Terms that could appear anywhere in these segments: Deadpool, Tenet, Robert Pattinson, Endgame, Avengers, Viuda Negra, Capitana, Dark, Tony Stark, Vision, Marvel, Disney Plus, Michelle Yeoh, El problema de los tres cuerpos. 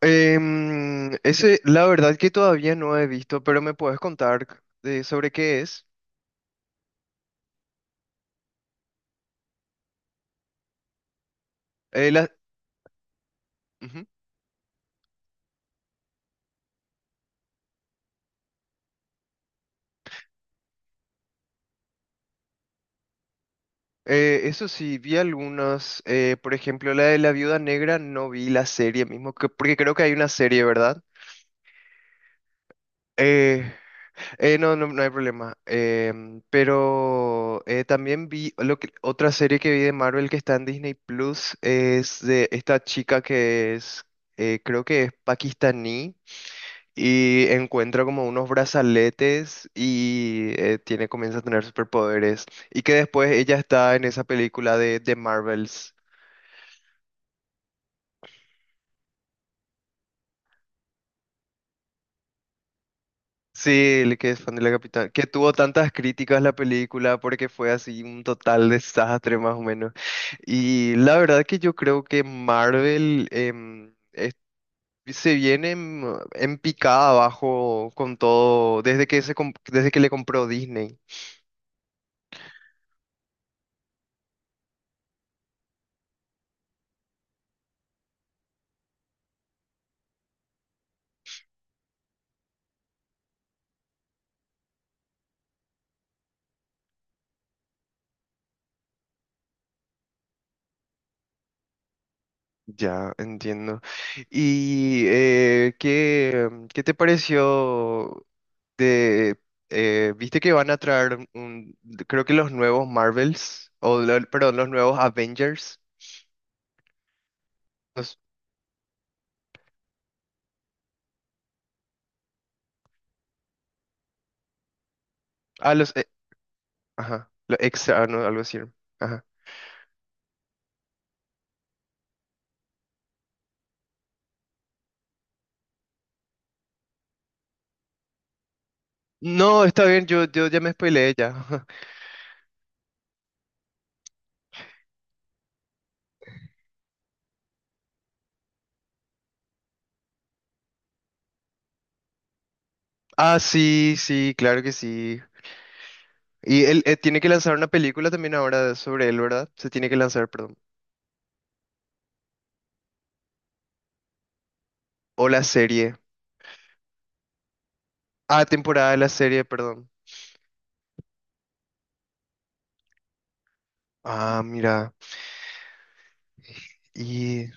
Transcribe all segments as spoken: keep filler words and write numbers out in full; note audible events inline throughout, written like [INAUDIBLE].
Em, ese, la verdad que todavía no he visto, pero me puedes contar de- sobre qué es. Eh, la- Ujú. Eh, eso sí, vi algunas, eh, por ejemplo, la de la Viuda Negra, no vi la serie mismo, que- porque creo que hay una serie, ¿verdad? Eh, eh, no, no, no hay problema. Em, pero eh, también vi lo que, otra serie que vi de Marvel que está en Disney Plus, es de esta chica que es, eh, creo que es pakistaní. Y encuentra como unos brazaletes y eh, tiene, comienza a tener superpoderes. Y que después ella está en esa película de, de Marvels. Sí, el que es fan de la Capitana. Que tuvo tantas críticas la película porque fue así un total desastre más o menos. Y la verdad que yo creo que Marvel em, es- se viene en, en picada abajo con todo desde que, se, comp- desde que le compró Disney. Ya, entiendo. ¿Y eh, qué, qué te pareció de... eh, viste que van a traer, un, creo que los nuevos Marvels, o lo- perdón, los nuevos Avengers? Los, ah, los... eh, ajá, los extra, ah, no, algo así. Ajá. No, está bien, yo, yo ya me spoileé ya. [LAUGHS] Ah, sí, sí, claro que sí. Y él eh, tiene que lanzar una película también ahora sobre él, ¿verdad? Se tiene que lanzar, perdón. O la serie. Ah, temporada de la serie, perdón. Ah, mira. Y...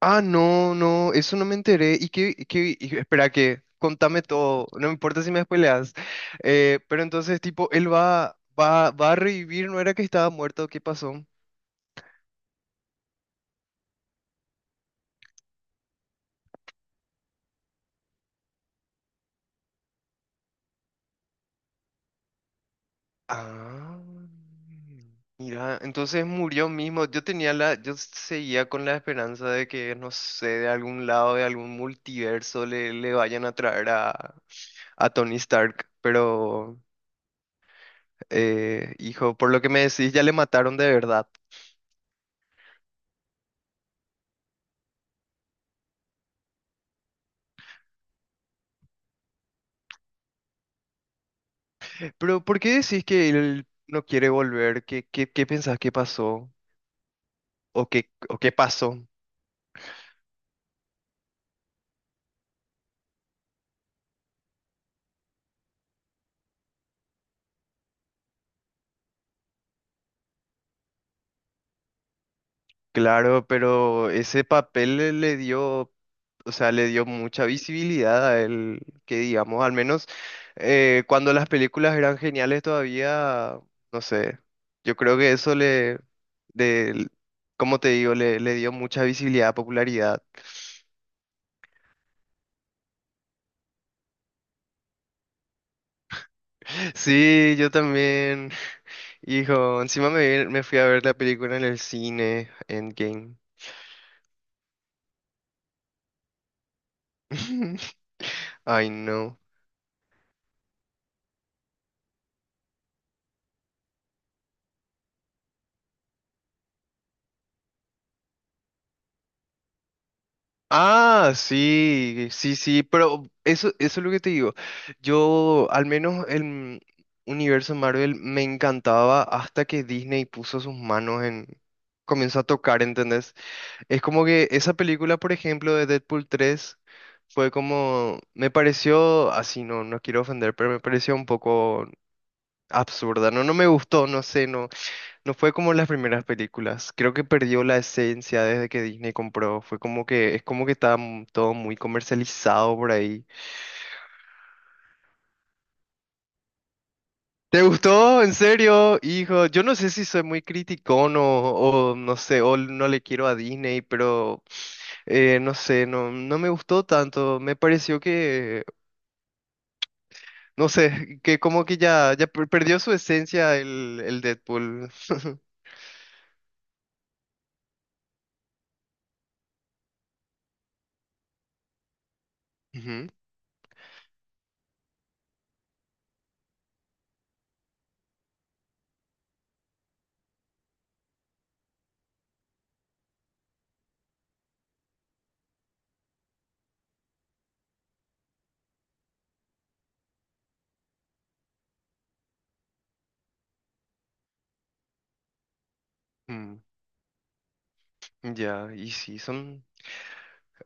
Ah, no, no, eso no me enteré. ¿Y qué, qué- y- espera que, contame todo, no me importa si me spoileas. Eh, pero entonces, tipo, él va, va, va a revivir, ¿no era que estaba muerto? ¿Qué pasó? Ah, mira, entonces murió mismo. Yo tenía la, yo seguía con la esperanza de que, no sé, de algún lado, de algún multiverso le, le vayan a traer a, a Tony Stark. Pero, eh, hijo, por lo que me decís, ya le mataron de verdad. Pero ¿por qué decís que él no quiere volver? ¿Qué, qué, qué pensás que pasó? ¿O qué, o qué pasó? Claro, pero ese papel le le dio, o sea, le dio mucha visibilidad a él, que digamos, al menos eh, cuando las películas eran geniales todavía, no sé, yo creo que eso le, de, como te digo, le, le dio mucha visibilidad, popularidad. [LAUGHS] Sí, yo también. [LAUGHS] Hijo, encima me, vi- me fui a ver la película en el cine, Endgame. [LAUGHS] Ay, no. Ah, sí, sí, sí, pero eso, eso es lo que te digo. Yo, al menos el m- universo Marvel me encantaba hasta que Disney puso sus manos en... comenzó a tocar, ¿entendés? Es como que esa película, por ejemplo, de Deadpool tres fue como... me pareció, así, no, no quiero ofender, pero me pareció un poco absurda, ¿no? No me gustó, no sé, no, no fue como las primeras películas. Creo que perdió la esencia desde que Disney compró. Fue como que, es como que está m- todo muy comercializado por ahí. ¿Te gustó? ¿En serio? Hijo, yo no sé si soy muy criticón o, o no sé, o no le quiero a Disney, pero eh, no sé, no, no me gustó tanto. Me pareció que, no sé, que como que ya, ya per- perdió su esencia el, el Deadpool. [LAUGHS] Ujú. Mm, ya, y sí, son.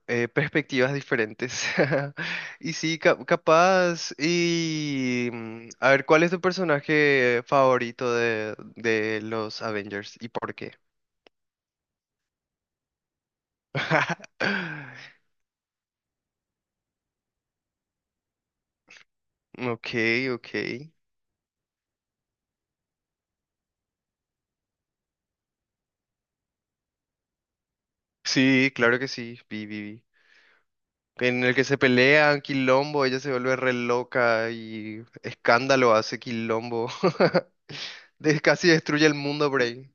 eh, Perspectivas diferentes. [LAUGHS] Y sí, ca- capaz. Y mm, a ver, ¿cuál es tu personaje favorito de, de los Avengers y por qué? [LAUGHS] Ok, ok. Sí, claro que sí, vi, vi, vi. En el que se pelean, quilombo, ella se vuelve re loca y escándalo hace quilombo. [LAUGHS] De- casi destruye el mundo, Brain.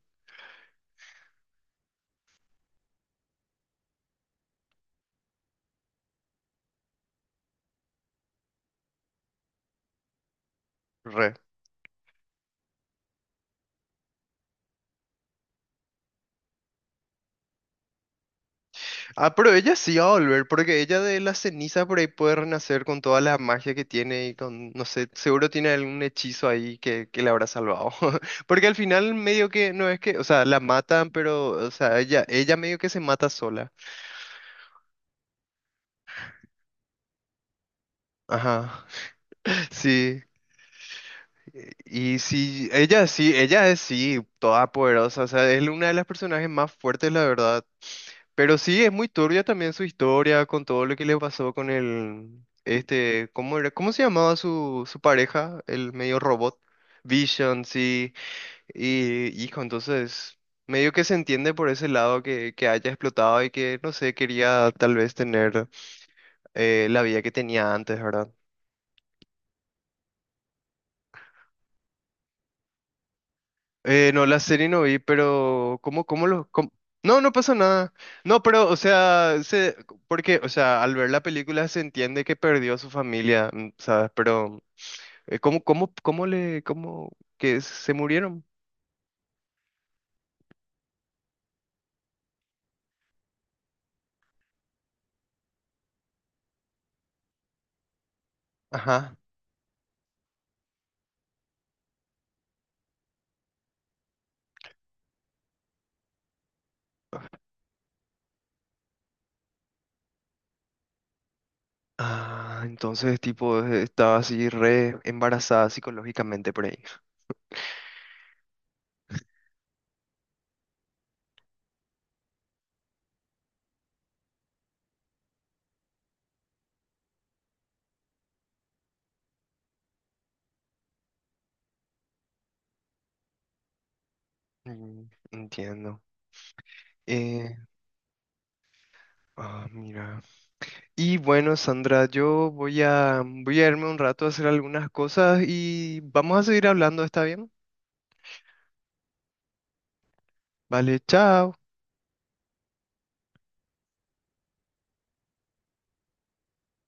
Ah, pero ella sí va a volver, porque ella de las cenizas por ahí puede renacer con toda la magia que tiene y con, no sé, seguro tiene algún hechizo ahí que, que le habrá salvado. [LAUGHS] Porque al final medio que, no es que, o sea, la matan, pero, o sea, ella, ella medio que se mata sola. Ajá, [LAUGHS] sí. Y sí, ella sí, ella es sí, toda poderosa, o sea, es una de las personajes más fuertes, la verdad. Pero sí, es muy turbia también su historia con todo lo que le pasó con el, este, ¿cómo era? ¿Cómo se llamaba su, su pareja? El medio robot. Vision, sí. Y, hijo, entonces, medio que se entiende por ese lado que, que haya explotado y que, no sé, quería tal vez tener eh, la vida que tenía antes, ¿verdad? Eh, no, la serie no vi, pero ¿cómo, cómo lo...? ¿cómo? No, no pasa nada. No, pero, o sea, se, porque, o sea, al ver la película se entiende que perdió a su familia, mm, ¿sabes? Pero, eh, ¿cómo, cómo, cómo le, cómo, que se murieron? Ajá. Ah, entonces, tipo, eh, estaba así re embarazada psicológicamente por ahí. Mm, entiendo. Eh, ah, mira. Y bueno, Sandra, yo voy a, voy a irme un rato a hacer algunas cosas y vamos a seguir hablando, ¿está bien? Vale, chao.